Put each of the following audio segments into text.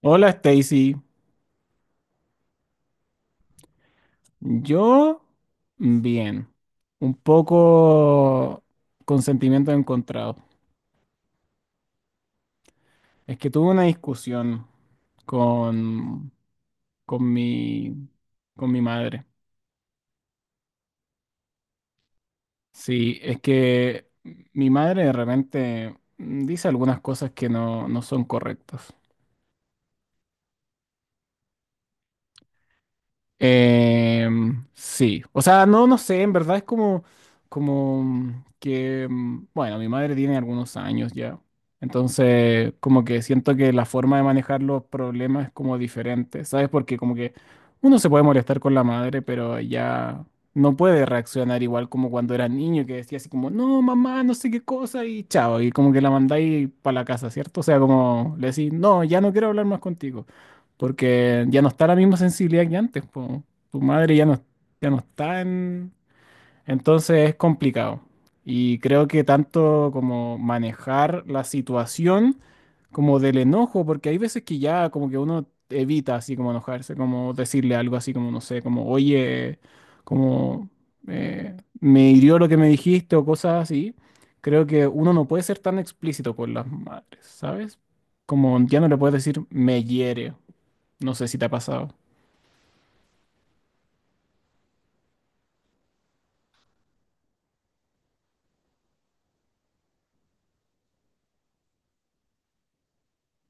Hola Stacy, yo bien, un poco con sentimientos encontrados. Es que tuve una discusión con, con mi, con mi madre. Sí, es que mi madre de repente dice algunas cosas que no son correctas. Sí, o sea, no, no sé, en verdad es como, bueno, mi madre tiene algunos años ya, entonces como que siento que la forma de manejar los problemas es como diferente, ¿sabes? Porque como que uno se puede molestar con la madre, pero ya no puede reaccionar igual como cuando era niño, que decía así como, no, mamá, no sé qué cosa, y chao, y como que la mandáis para la casa, ¿cierto? O sea, como le decís, no, ya no quiero hablar más contigo. Porque ya no está la misma sensibilidad que antes, po. Tu madre ya no, ya no está en... Entonces es complicado. Y creo que tanto como manejar la situación como del enojo, porque hay veces que ya como que uno evita así como enojarse, como decirle algo así como, no sé, como, oye, como eh, me hirió lo que me dijiste o cosas así. Creo que uno no puede ser tan explícito con las madres, ¿sabes? Como ya no le puedes decir me hiere no sé si te ha pasado.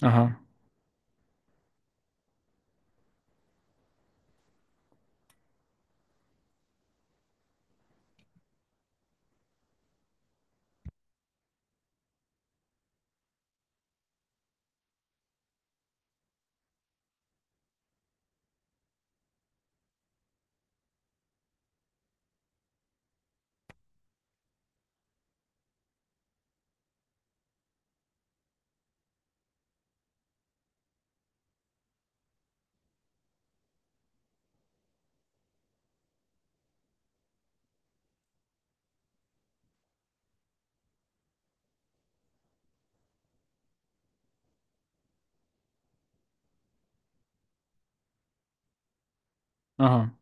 Ajá, ajá.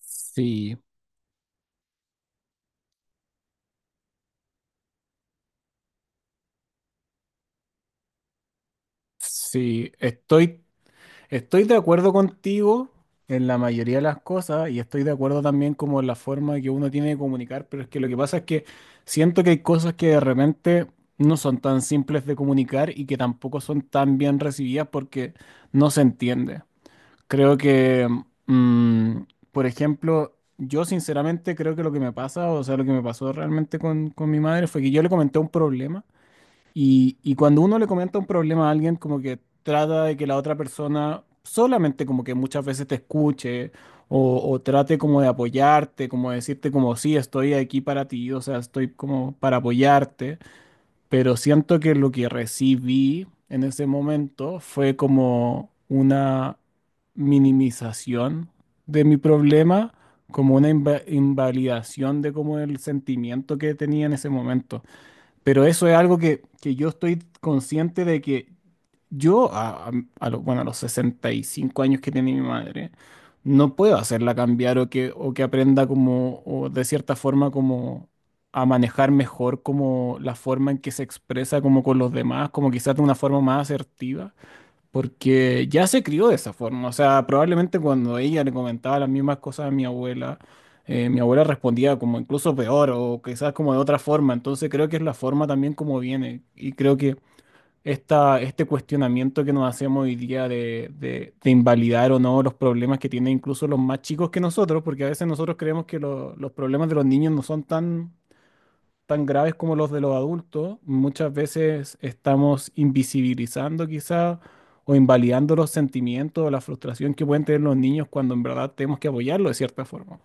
Sí, sí, estoy de acuerdo contigo en la mayoría de las cosas y estoy de acuerdo también como en la forma que uno tiene de comunicar, pero es que lo que pasa es que siento que hay cosas que de repente no son tan simples de comunicar y que tampoco son tan bien recibidas porque no se entiende. Creo que, mm, por ejemplo, yo sinceramente creo que lo que me pasa, o sea, lo que me pasó realmente con mi madre fue que yo le comenté un problema. Y cuando uno le comenta un problema a alguien, como que trata de que la otra persona solamente como que muchas veces te escuche o trate como de apoyarte, como de decirte como sí, estoy aquí para ti, o sea, estoy como para apoyarte, pero siento que lo que recibí en ese momento fue como una minimización de mi problema, como una invalidación de como el sentimiento que tenía en ese momento. Pero eso es algo que yo estoy consciente de que yo, a los, bueno, a los 65 años que tiene mi madre, no puedo hacerla cambiar o que aprenda como, o de cierta forma como a manejar mejor como la forma en que se expresa como con los demás, como quizás de una forma más asertiva porque ya se crió de esa forma. O sea, probablemente cuando ella le comentaba las mismas cosas a mi abuela respondía como incluso peor o quizás como de otra forma. Entonces creo que es la forma también como viene. Y creo que este cuestionamiento que nos hacemos hoy día de invalidar o no los problemas que tienen incluso los más chicos que nosotros, porque a veces nosotros creemos que los problemas de los niños no son tan graves como los de los adultos, muchas veces estamos invisibilizando quizá o invalidando los sentimientos o la frustración que pueden tener los niños cuando en verdad tenemos que apoyarlos de cierta forma.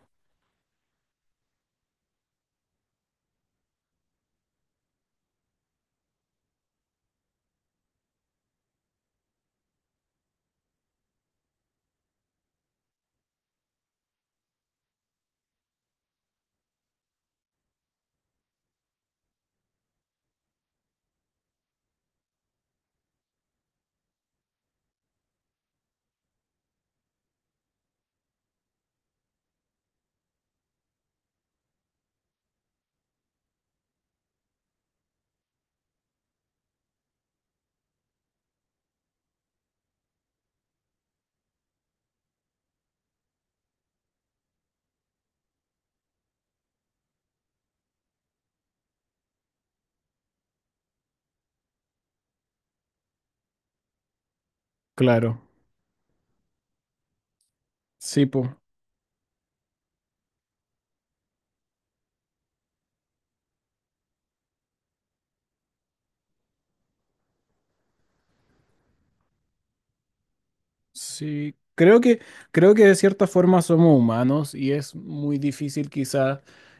Claro, sí, pues. Sí, creo que de cierta forma somos humanos y es muy difícil quizás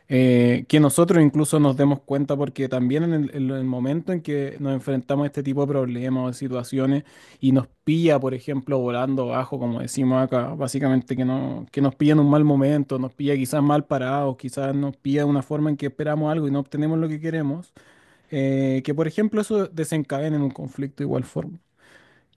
que nosotros incluso nos demos cuenta porque también en en el momento en que nos enfrentamos a este tipo de problemas o de situaciones y nos pilla, por ejemplo, volando bajo, como decimos acá, básicamente que, no, que nos pilla en un mal momento, nos pilla quizás mal parados, quizás nos pilla de una forma en que esperamos algo y no obtenemos lo que queremos, que por ejemplo eso desencadena en un conflicto de igual forma.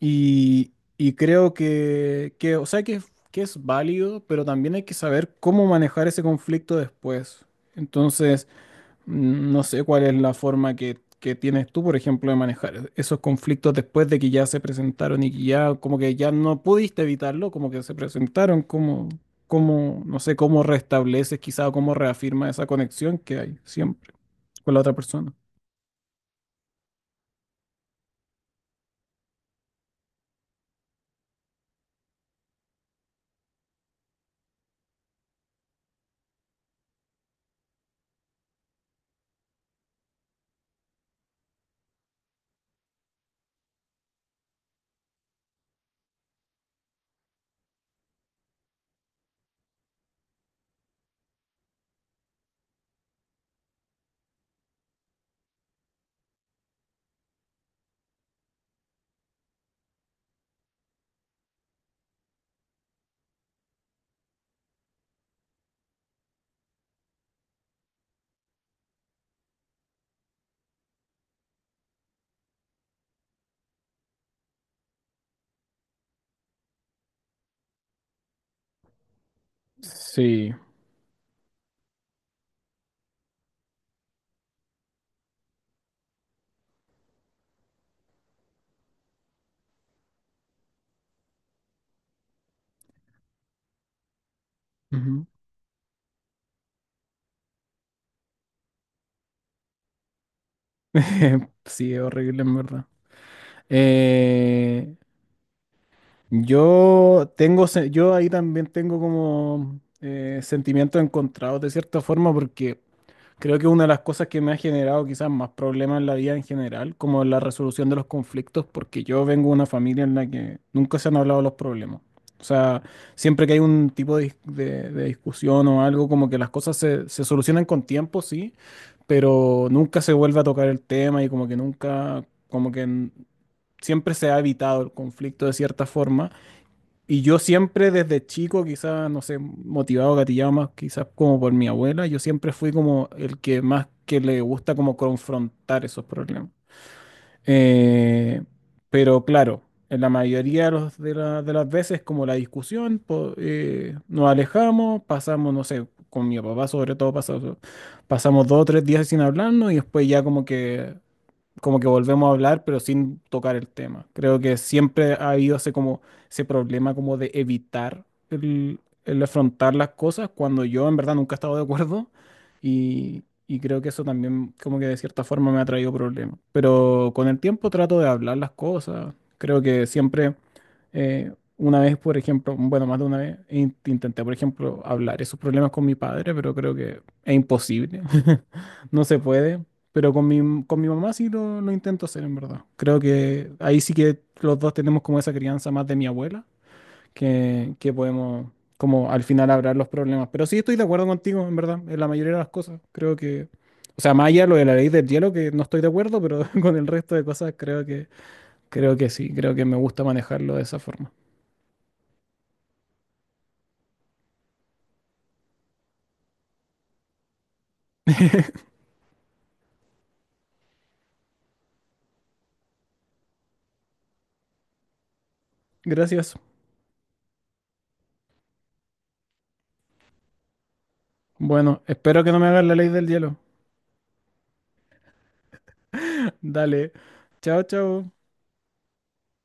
Y creo que, o sea, que es válido, pero también hay que saber cómo manejar ese conflicto después. Entonces, no sé cuál es la forma que tienes tú, por ejemplo, de manejar esos conflictos después de que ya se presentaron y que ya, como que ya no pudiste evitarlo, como que se presentaron, no sé, cómo restableces quizá o cómo reafirma esa conexión que hay siempre con la otra persona. Sí. Ujú. Sí, es horrible en verdad. Eh, yo ahí también tengo como sentimientos encontrados de cierta forma porque creo que una de las cosas que me ha generado quizás más problemas en la vida en general, como la resolución de los conflictos, porque yo vengo de una familia en la que nunca se han hablado los problemas. O sea, siempre que hay un tipo de discusión o algo, como que las cosas se solucionan con tiempo, sí, pero nunca se vuelve a tocar el tema y como que nunca, como que siempre se ha evitado el conflicto de cierta forma. Y yo siempre desde chico, quizás, no sé, motivado, gatillado más quizás como por mi abuela, yo siempre fui como el que más que le gusta como confrontar esos problemas. Eh, pero claro, en la mayoría de las veces como la discusión, nos alejamos, pasamos, no sé, con mi papá sobre todo, pasamos dos o tres días sin hablarnos y después ya como que volvemos a hablar, pero sin tocar el tema. Creo que siempre ha habido ese, como, ese problema como de evitar el afrontar las cosas cuando yo en verdad nunca he estado de acuerdo y creo que eso también como que de cierta forma me ha traído problemas. Pero con el tiempo trato de hablar las cosas. Eh, una vez, por ejemplo, bueno, más de una vez, intenté, por ejemplo, hablar esos problemas con mi padre, pero creo que es imposible. No se puede. Pero con mi mamá sí lo intento hacer, en verdad. Creo que ahí sí que los dos tenemos como esa crianza más de mi abuela, que podemos como al final hablar los problemas. Pero sí estoy de acuerdo contigo, en verdad, en la mayoría de las cosas. Creo que, o sea, más allá de lo de la ley del hielo, que no estoy de acuerdo, pero con el resto de cosas creo que sí, creo que me gusta manejarlo de esa forma. Gracias. Bueno, espero que no me hagas la ley del hielo. Dale. Chao, chao.